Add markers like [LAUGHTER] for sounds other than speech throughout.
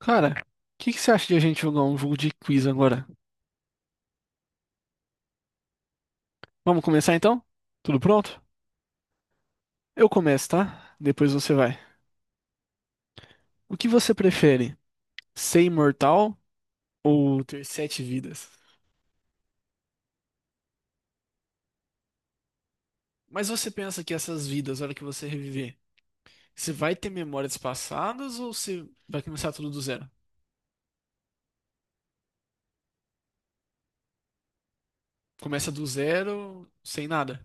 Cara, o que que você acha de a gente jogar um jogo de quiz agora? Vamos começar então? Tudo pronto? Eu começo, tá? Depois você vai. O que você prefere? Ser imortal ou ter sete vidas? Mas você pensa que essas vidas, a hora que você reviver, você vai ter memórias passadas ou você vai começar tudo do zero? Começa do zero, sem nada.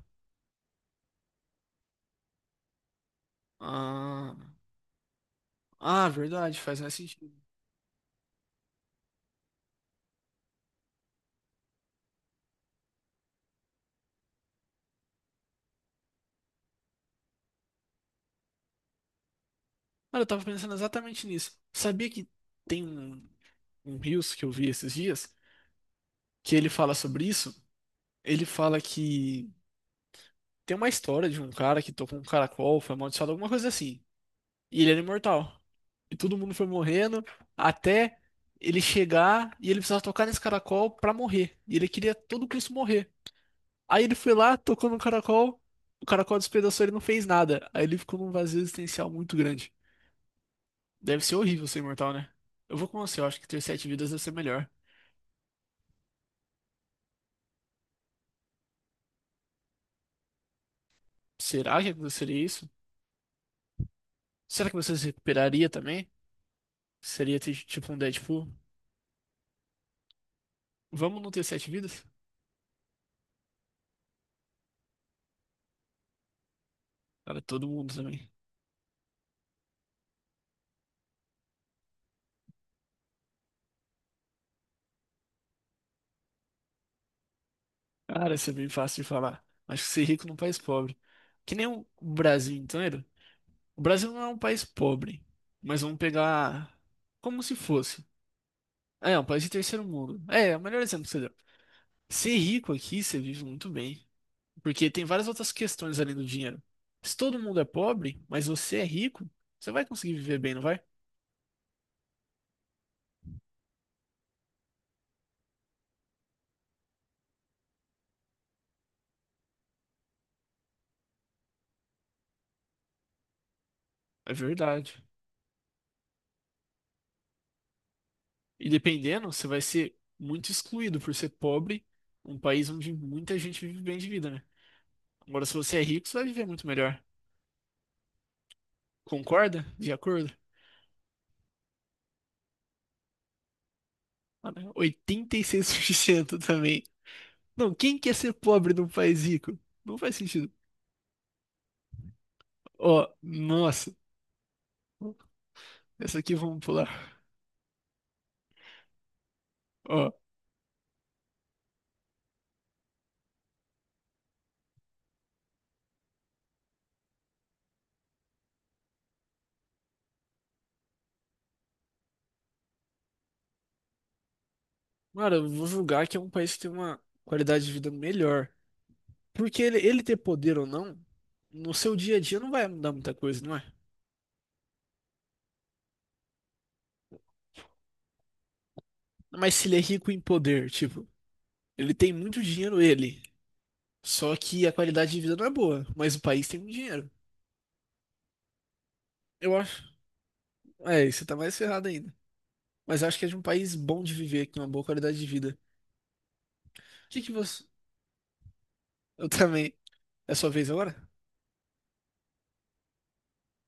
Ah, ah, verdade, faz mais sentido. Cara, eu tava pensando exatamente nisso. Sabia que tem um Reels que eu vi esses dias que ele fala sobre isso? Ele fala que tem uma história de um cara que tocou um caracol, foi amaldiçoado, alguma coisa assim. E ele era imortal. E todo mundo foi morrendo até ele chegar e ele precisava tocar nesse caracol pra morrer. E ele queria todo Cristo morrer. Aí ele foi lá, tocou no caracol, o caracol despedaçou, ele não fez nada. Aí ele ficou num vazio existencial muito grande. Deve ser horrível ser imortal, né? Eu vou com você, eu acho que ter sete vidas deve ser melhor. Será que aconteceria isso? Será que você se recuperaria também? Seria tipo um Deadpool? Vamos não ter sete vidas? Cara, todo mundo também. Cara, isso é bem fácil de falar. Acho que ser rico num país pobre. Que nem o Brasil inteiro. O Brasil não é um país pobre. Mas vamos pegar como se fosse. É, é um país de terceiro mundo. É, é o melhor exemplo que você deu. Ser rico aqui, você vive muito bem. Porque tem várias outras questões além do dinheiro. Se todo mundo é pobre, mas você é rico, você vai conseguir viver bem, não vai? É verdade. E dependendo, você vai ser muito excluído por ser pobre, um país onde muita gente vive bem de vida, né? Agora, se você é rico, você vai viver muito melhor. Concorda? De acordo? Mano, 86% [LAUGHS] também. Não, quem quer ser pobre num país rico? Não faz sentido. Ó, nossa. Essa aqui vamos pular. Ó, mano, eu vou julgar que é um país que tem uma qualidade de vida melhor. Porque ele ter poder ou não, no seu dia a dia não vai mudar muita coisa, não é? Mas se ele é rico em poder, tipo, ele tem muito dinheiro, ele. Só que a qualidade de vida não é boa, mas o país tem muito dinheiro. Eu acho. É, e você tá mais ferrado ainda. Mas eu acho que é de um país bom de viver, com uma boa qualidade de vida. O que que você. Eu também. É sua vez agora?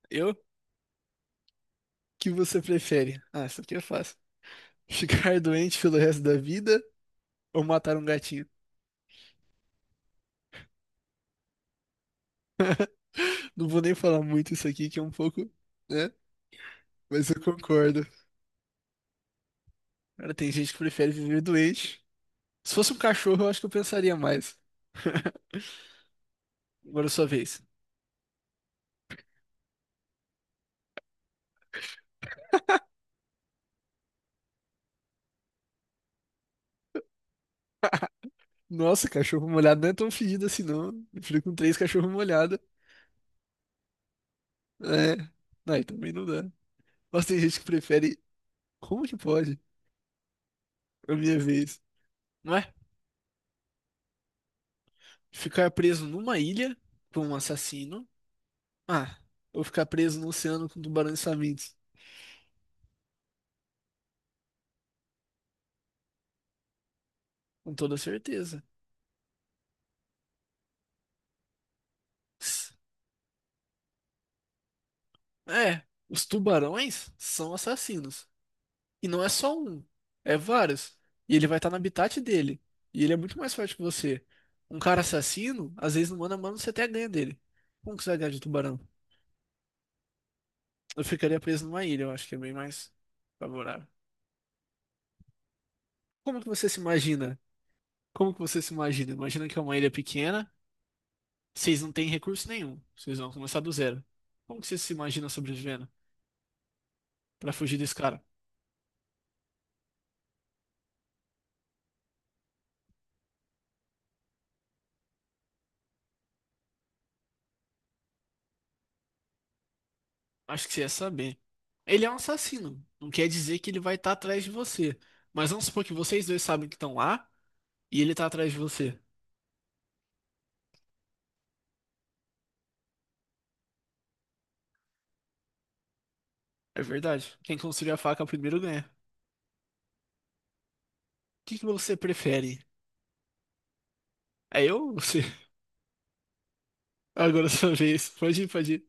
Eu? O que você prefere? Ah, isso aqui é fácil. Ficar [LAUGHS] doente pelo resto da vida ou matar um gatinho? Não vou nem falar muito isso aqui, que é um pouco. Né? Mas eu concordo. Cara, tem gente que prefere viver doente. Se fosse um cachorro, eu acho que eu pensaria mais. [LAUGHS] Agora é sua vez. Nossa, cachorro molhado não é tão fedido assim, não. Eu fico com três cachorros molhados. É. Não, aí também não dá. Mas tem gente que prefere. Como que pode? A minha vez. Não é? Ficar preso numa ilha com um assassino. Ah, ou ficar preso no oceano com tubarões famintos. Com toda certeza. S- É, os tubarões são assassinos. E não é só um, é vários. E ele vai estar no habitat dele. E ele é muito mais forte que você. Um cara assassino, às vezes no mano a mano você até ganha dele. Como que você vai ganhar de tubarão? Eu ficaria preso numa ilha, eu acho que é bem mais favorável. Como que você se imagina? Como que você se imagina? Imagina que é uma ilha pequena, vocês não têm recurso nenhum, vocês vão começar do zero. Como que você se imagina sobrevivendo pra fugir desse cara? Acho que você ia saber. Ele é um assassino, não quer dizer que ele vai estar atrás de você. Mas vamos supor que vocês dois sabem que estão lá e ele tá atrás de você. É verdade. Quem construir a faca primeiro ganha. O que que você prefere? É eu ou você? [LAUGHS] Agora é sua vez. Pode ir, pode ir.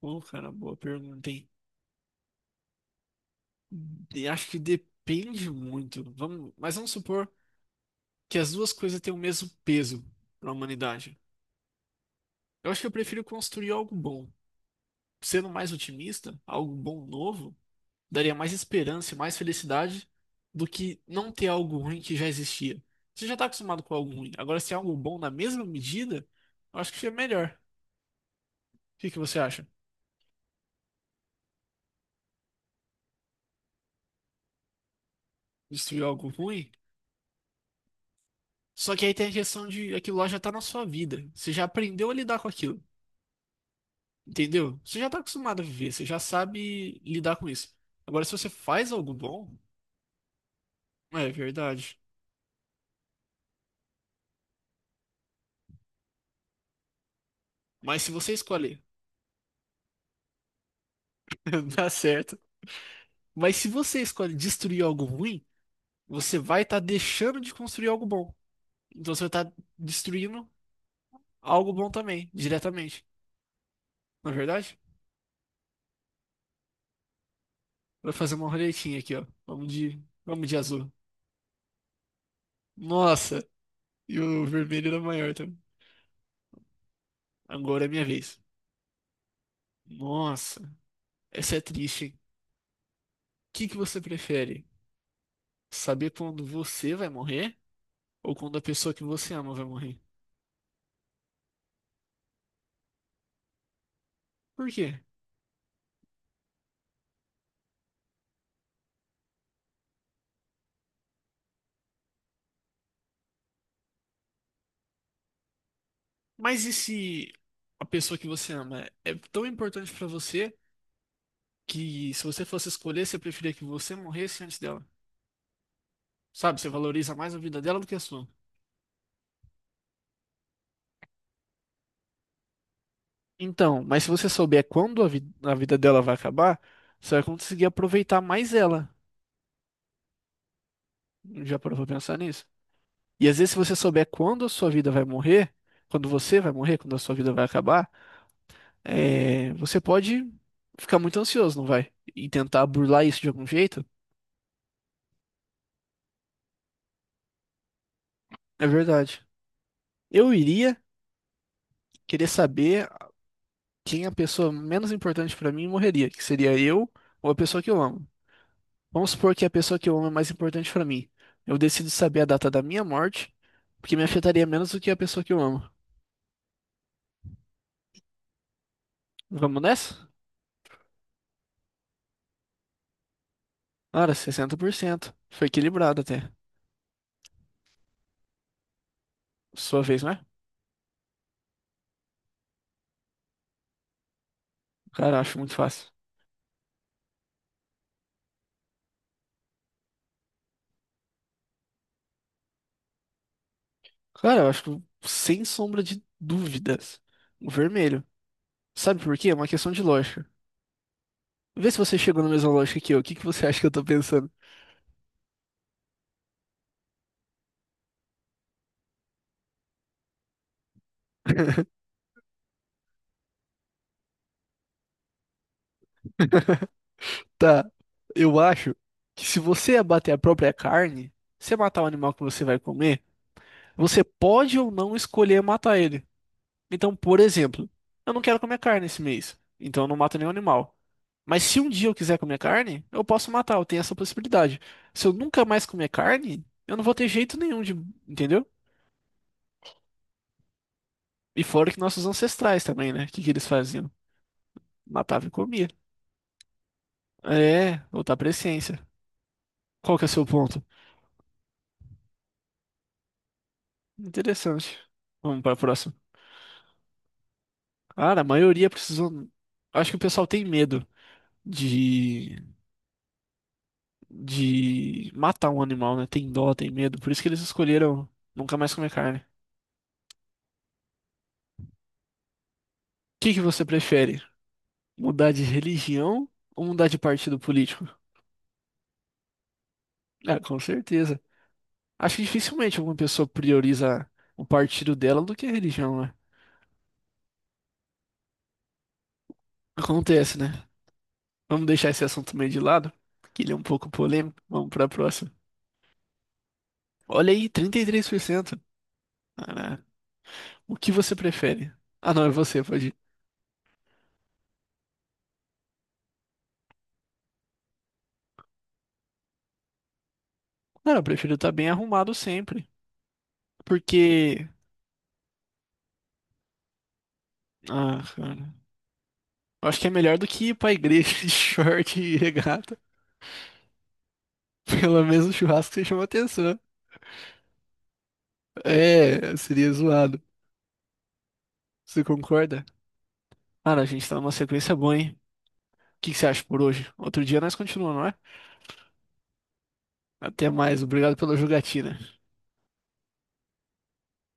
Bom, cara, boa pergunta, hein? E acho que depende muito. Mas vamos supor que as duas coisas têm o mesmo peso para a humanidade. Eu acho que eu prefiro construir algo bom. Sendo mais otimista, algo bom novo, daria mais esperança e mais felicidade do que não ter algo ruim que já existia. Você já está acostumado com algo ruim. Agora, se é algo bom na mesma medida, eu acho que é melhor. O que que você acha? Destruir algo ruim? Só que aí tem a questão de aquilo lá já está na sua vida. Você já aprendeu a lidar com aquilo. Entendeu? Você já está acostumado a viver, você já sabe lidar com isso. Agora, se você faz algo bom. É verdade. Mas se você escolhe, [LAUGHS] dá certo. Mas se você escolhe destruir algo ruim, você vai estar deixando de construir algo bom. Então você vai estar destruindo algo bom também, diretamente. Não é verdade? Vou fazer uma roletinha aqui, ó. Vamos de azul. Nossa! E o vermelho era maior também. Agora é minha vez. Nossa, essa é triste, hein? O que que você prefere? Saber quando você vai morrer ou quando a pessoa que você ama vai morrer? Por quê? Mas e se a pessoa que você ama é tão importante pra você que se você fosse escolher, você preferia que você morresse antes dela? Sabe, você valoriza mais a vida dela do que a sua. Então, mas se você souber quando a vida dela vai acabar, você vai conseguir aproveitar mais ela. Já parou pra pensar nisso? E às vezes, se você souber quando a sua vida vai morrer, quando você vai morrer, quando a sua vida vai acabar, é, você pode ficar muito ansioso, não vai? E tentar burlar isso de algum jeito. É verdade. Eu iria querer saber quem a pessoa menos importante pra mim morreria, que seria eu ou a pessoa que eu amo. Vamos supor que a pessoa que eu amo é mais importante pra mim. Eu decido saber a data da minha morte, porque me afetaria menos do que a pessoa que eu amo. Vamos nessa? Cara, 60%. Foi equilibrado até. Sua vez, né? Cara, acho muito fácil. Cara, eu acho que, sem sombra de dúvidas, o vermelho. Sabe por quê? É uma questão de lógica. Vê se você chegou na mesma lógica que eu. O que que você acha que eu tô pensando? Tá, eu acho que se você abater a própria carne, você matar o animal que você vai comer, você pode ou não escolher matar ele. Então, por exemplo, eu não quero comer carne esse mês, então eu não mato nenhum animal. Mas se um dia eu quiser comer carne, eu posso matar, eu tenho essa possibilidade. Se eu nunca mais comer carne, eu não vou ter jeito nenhum de, entendeu? E fora que nossos ancestrais também, né? O que que eles faziam? Matava e comia. É, voltar outra presciência. Qual que é o seu ponto? Interessante. Vamos para a próxima. Cara, a maioria precisou. Acho que o pessoal tem medo de, de, matar um animal, né? Tem dó, tem medo. Por isso que eles escolheram nunca mais comer carne. O que que você prefere? Mudar de religião ou mudar de partido político? Ah, com certeza. Acho que dificilmente alguma pessoa prioriza o partido dela do que a religião, né? Acontece, né? Vamos deixar esse assunto meio de lado, que ele é um pouco polêmico. Vamos pra próxima. Olha aí, 33%. Caraca. O que você prefere? Ah, não, é você, pode. Cara, eu prefiro estar bem arrumado sempre. Porque. Ah, cara. Eu acho que é melhor do que ir pra igreja [LAUGHS] de short e regata. Pelo menos o churrasco você chama atenção. É, seria zoado. Você concorda? Cara, a gente tá numa sequência boa, hein? O que que você acha por hoje? Outro dia nós continuamos, não é? Até mais. Obrigado pela jogatina.